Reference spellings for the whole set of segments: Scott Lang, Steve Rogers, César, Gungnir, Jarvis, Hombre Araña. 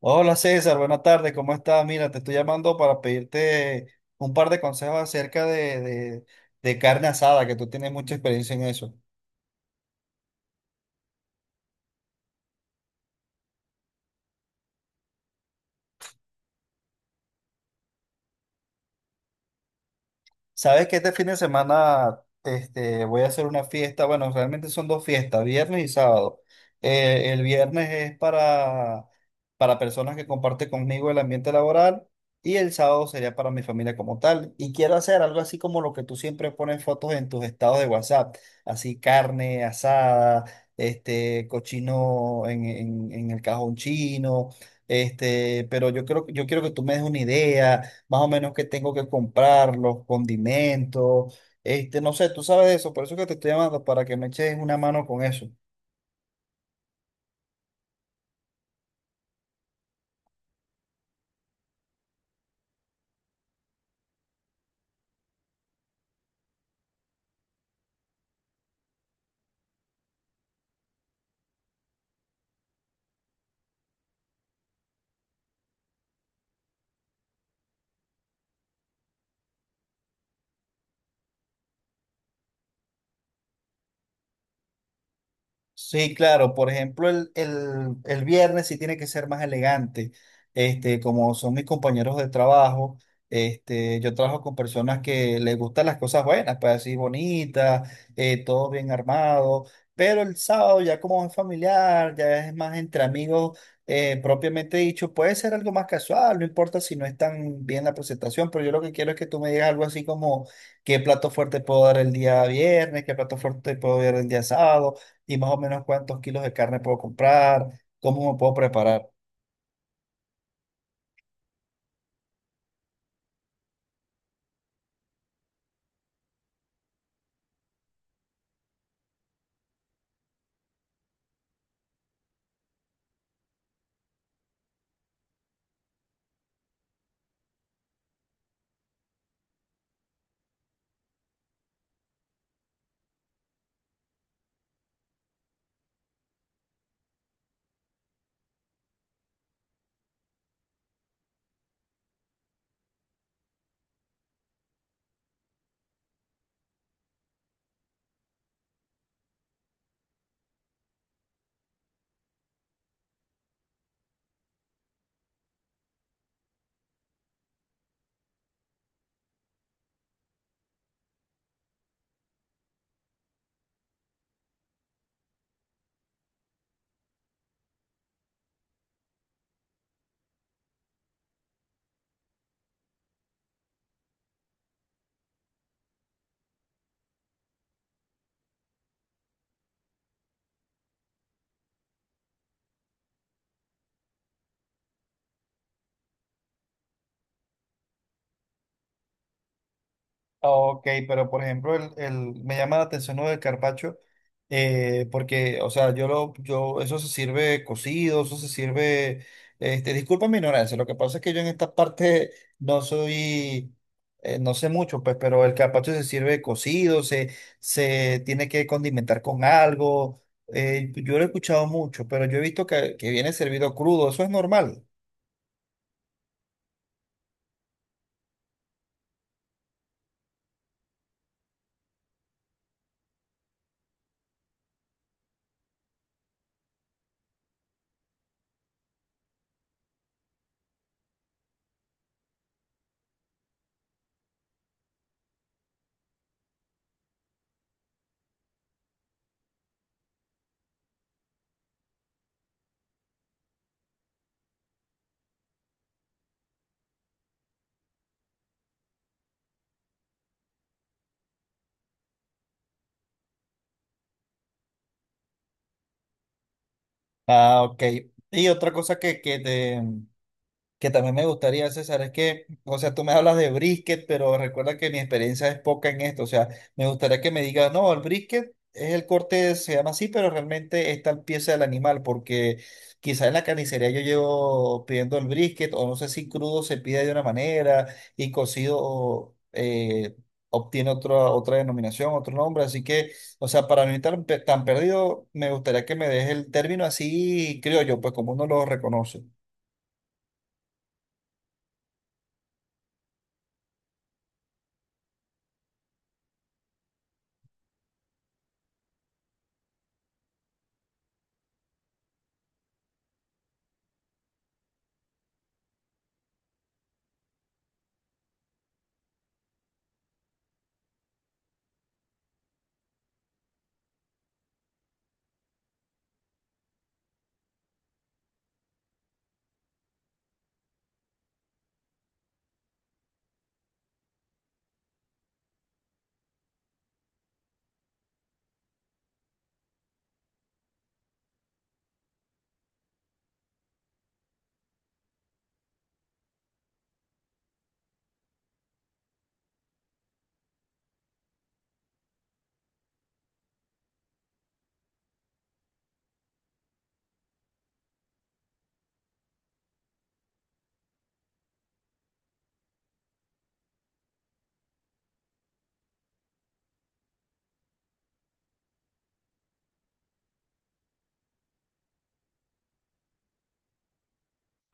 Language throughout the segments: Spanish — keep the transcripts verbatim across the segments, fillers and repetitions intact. Hola César, buenas tardes, ¿cómo estás? Mira, te estoy llamando para pedirte un par de consejos acerca de, de, de carne asada, que tú tienes mucha experiencia en eso. ¿Sabes que este fin de semana este, voy a hacer una fiesta? Bueno, realmente son dos fiestas, viernes y sábado. Eh, el viernes es para, para personas que comparten conmigo el ambiente laboral y el sábado sería para mi familia como tal. Y quiero hacer algo así como lo que tú siempre pones fotos en tus estados de WhatsApp, así carne asada, este, cochino en, en- en el cajón chino, este, pero yo creo, yo quiero que tú me des una idea más o menos qué tengo que comprar, los condimentos, este, no sé, tú sabes de eso, por eso que te estoy llamando, para que me eches una mano con eso. Sí, claro. Por ejemplo, el, el, el viernes sí tiene que ser más elegante. Este, como son mis compañeros de trabajo, este, yo trabajo con personas que les gustan las cosas buenas, pues así bonitas, eh, todo bien armado. Pero el sábado ya como es familiar, ya es más entre amigos, eh, propiamente dicho, puede ser algo más casual, no importa si no es tan bien la presentación, pero yo lo que quiero es que tú me digas algo así como qué plato fuerte puedo dar el día viernes, qué plato fuerte puedo dar el día sábado y más o menos cuántos kilos de carne puedo comprar, cómo me puedo preparar. Ok, pero por ejemplo, el, el- me llama la atención lo del carpaccio, eh, porque, o sea, yo lo, yo, eso se sirve cocido, eso se sirve, este, disculpa mi ignorancia, lo que pasa es que yo en esta parte no soy, eh, no sé mucho, pues, pero el carpaccio se sirve cocido, se, se tiene que condimentar con algo, eh, yo lo he escuchado mucho, pero yo he visto que, que viene servido crudo, eso es normal. Ah, ok. Y otra cosa que, que te, que también me gustaría, César, es que, o sea, tú me hablas de brisket, pero recuerda que mi experiencia es poca en esto, o sea, me gustaría que me digas, no, el brisket es el corte, se llama así, pero realmente es tal pieza del animal, porque quizás en la carnicería yo llevo pidiendo el brisket, o no sé si crudo se pide de una manera y cocido eh, obtiene otra, otra denominación, otro nombre, así que, o sea, para no estar tan perdido, me gustaría que me dejes el término así criollo, pues como uno lo reconoce.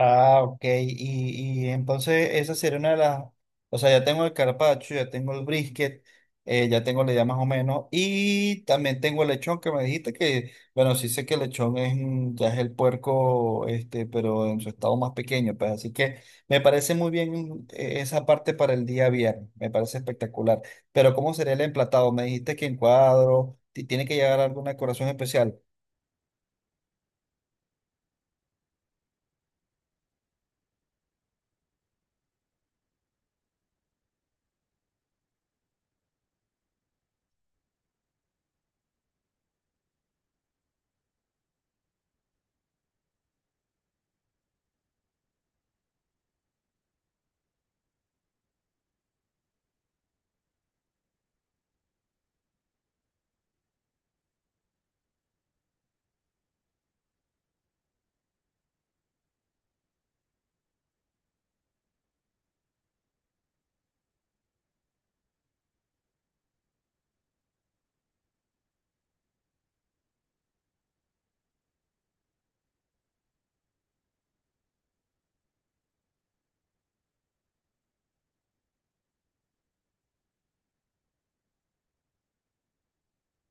Ah, ok. Y, y entonces esa sería una de las... O sea, ya tengo el carpaccio, ya tengo el brisket, eh, ya tengo la idea más o menos. Y también tengo el lechón que me dijiste que, bueno, sí sé que el lechón es, un- ya es el puerco, este, pero en su estado más pequeño. Pues, así que me parece muy bien eh, esa parte para el día viernes. Me parece espectacular. Pero ¿cómo sería el emplatado? Me dijiste que en cuadro, ti- tiene que llegar alguna decoración especial.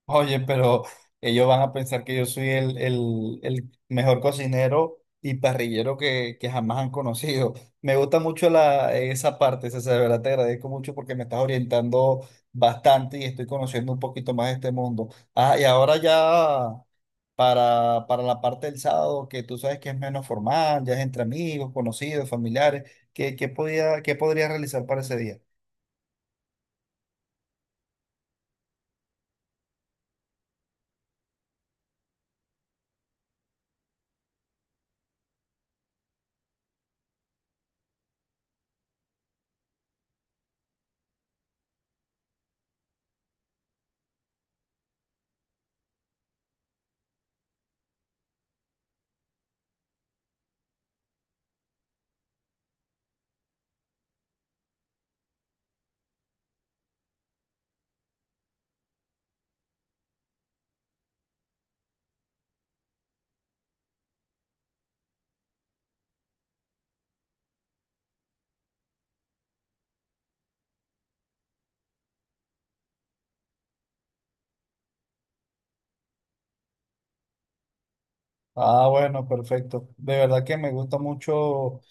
Oye, pero ellos van a pensar que yo soy el, el- el mejor cocinero y parrillero que, que jamás han conocido. Me gusta mucho la, esa parte, César, de verdad te agradezco mucho porque me estás orientando bastante y estoy conociendo un poquito más de este mundo. Ah, y ahora ya para, para la parte del sábado, que tú sabes que es menos formal, ya es entre amigos, conocidos, familiares, ¿qué, qué podía, qué podría realizar para ese día? Ah, bueno, perfecto. De verdad que me gusta mucho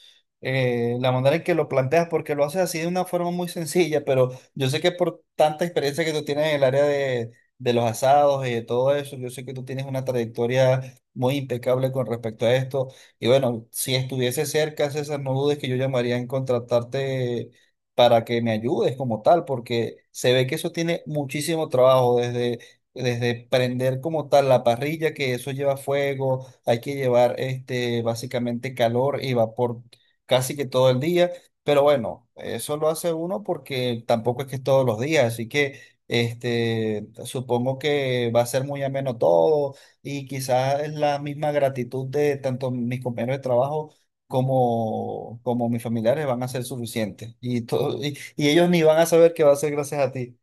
eh, la manera en que lo planteas porque lo haces así de una forma muy sencilla, pero yo sé que por tanta experiencia que tú tienes en el área de, de los asados y de todo eso, yo sé que tú tienes una trayectoria muy impecable con respecto a esto. Y bueno, si estuviese cerca, César, no dudes que yo llamaría en contratarte para que me ayudes como tal, porque se ve que eso tiene muchísimo trabajo desde... Desde prender como tal la parrilla, que eso lleva fuego, hay que llevar este, básicamente calor y vapor casi que todo el día, pero bueno, eso lo hace uno porque tampoco es que es todos los días, así que este, supongo que va a ser muy ameno todo y quizás es la misma gratitud de tanto mis compañeros de trabajo. Como, como mis familiares van a ser suficientes y, todo, y, y ellos ni van a saber que va a ser gracias a ti.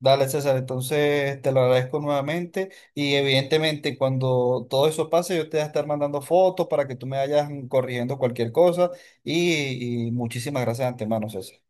Dale, César, entonces te lo agradezco nuevamente y evidentemente cuando todo eso pase yo te voy a estar mandando fotos para que tú me vayas corrigiendo cualquier cosa y, y muchísimas gracias de antemano, César.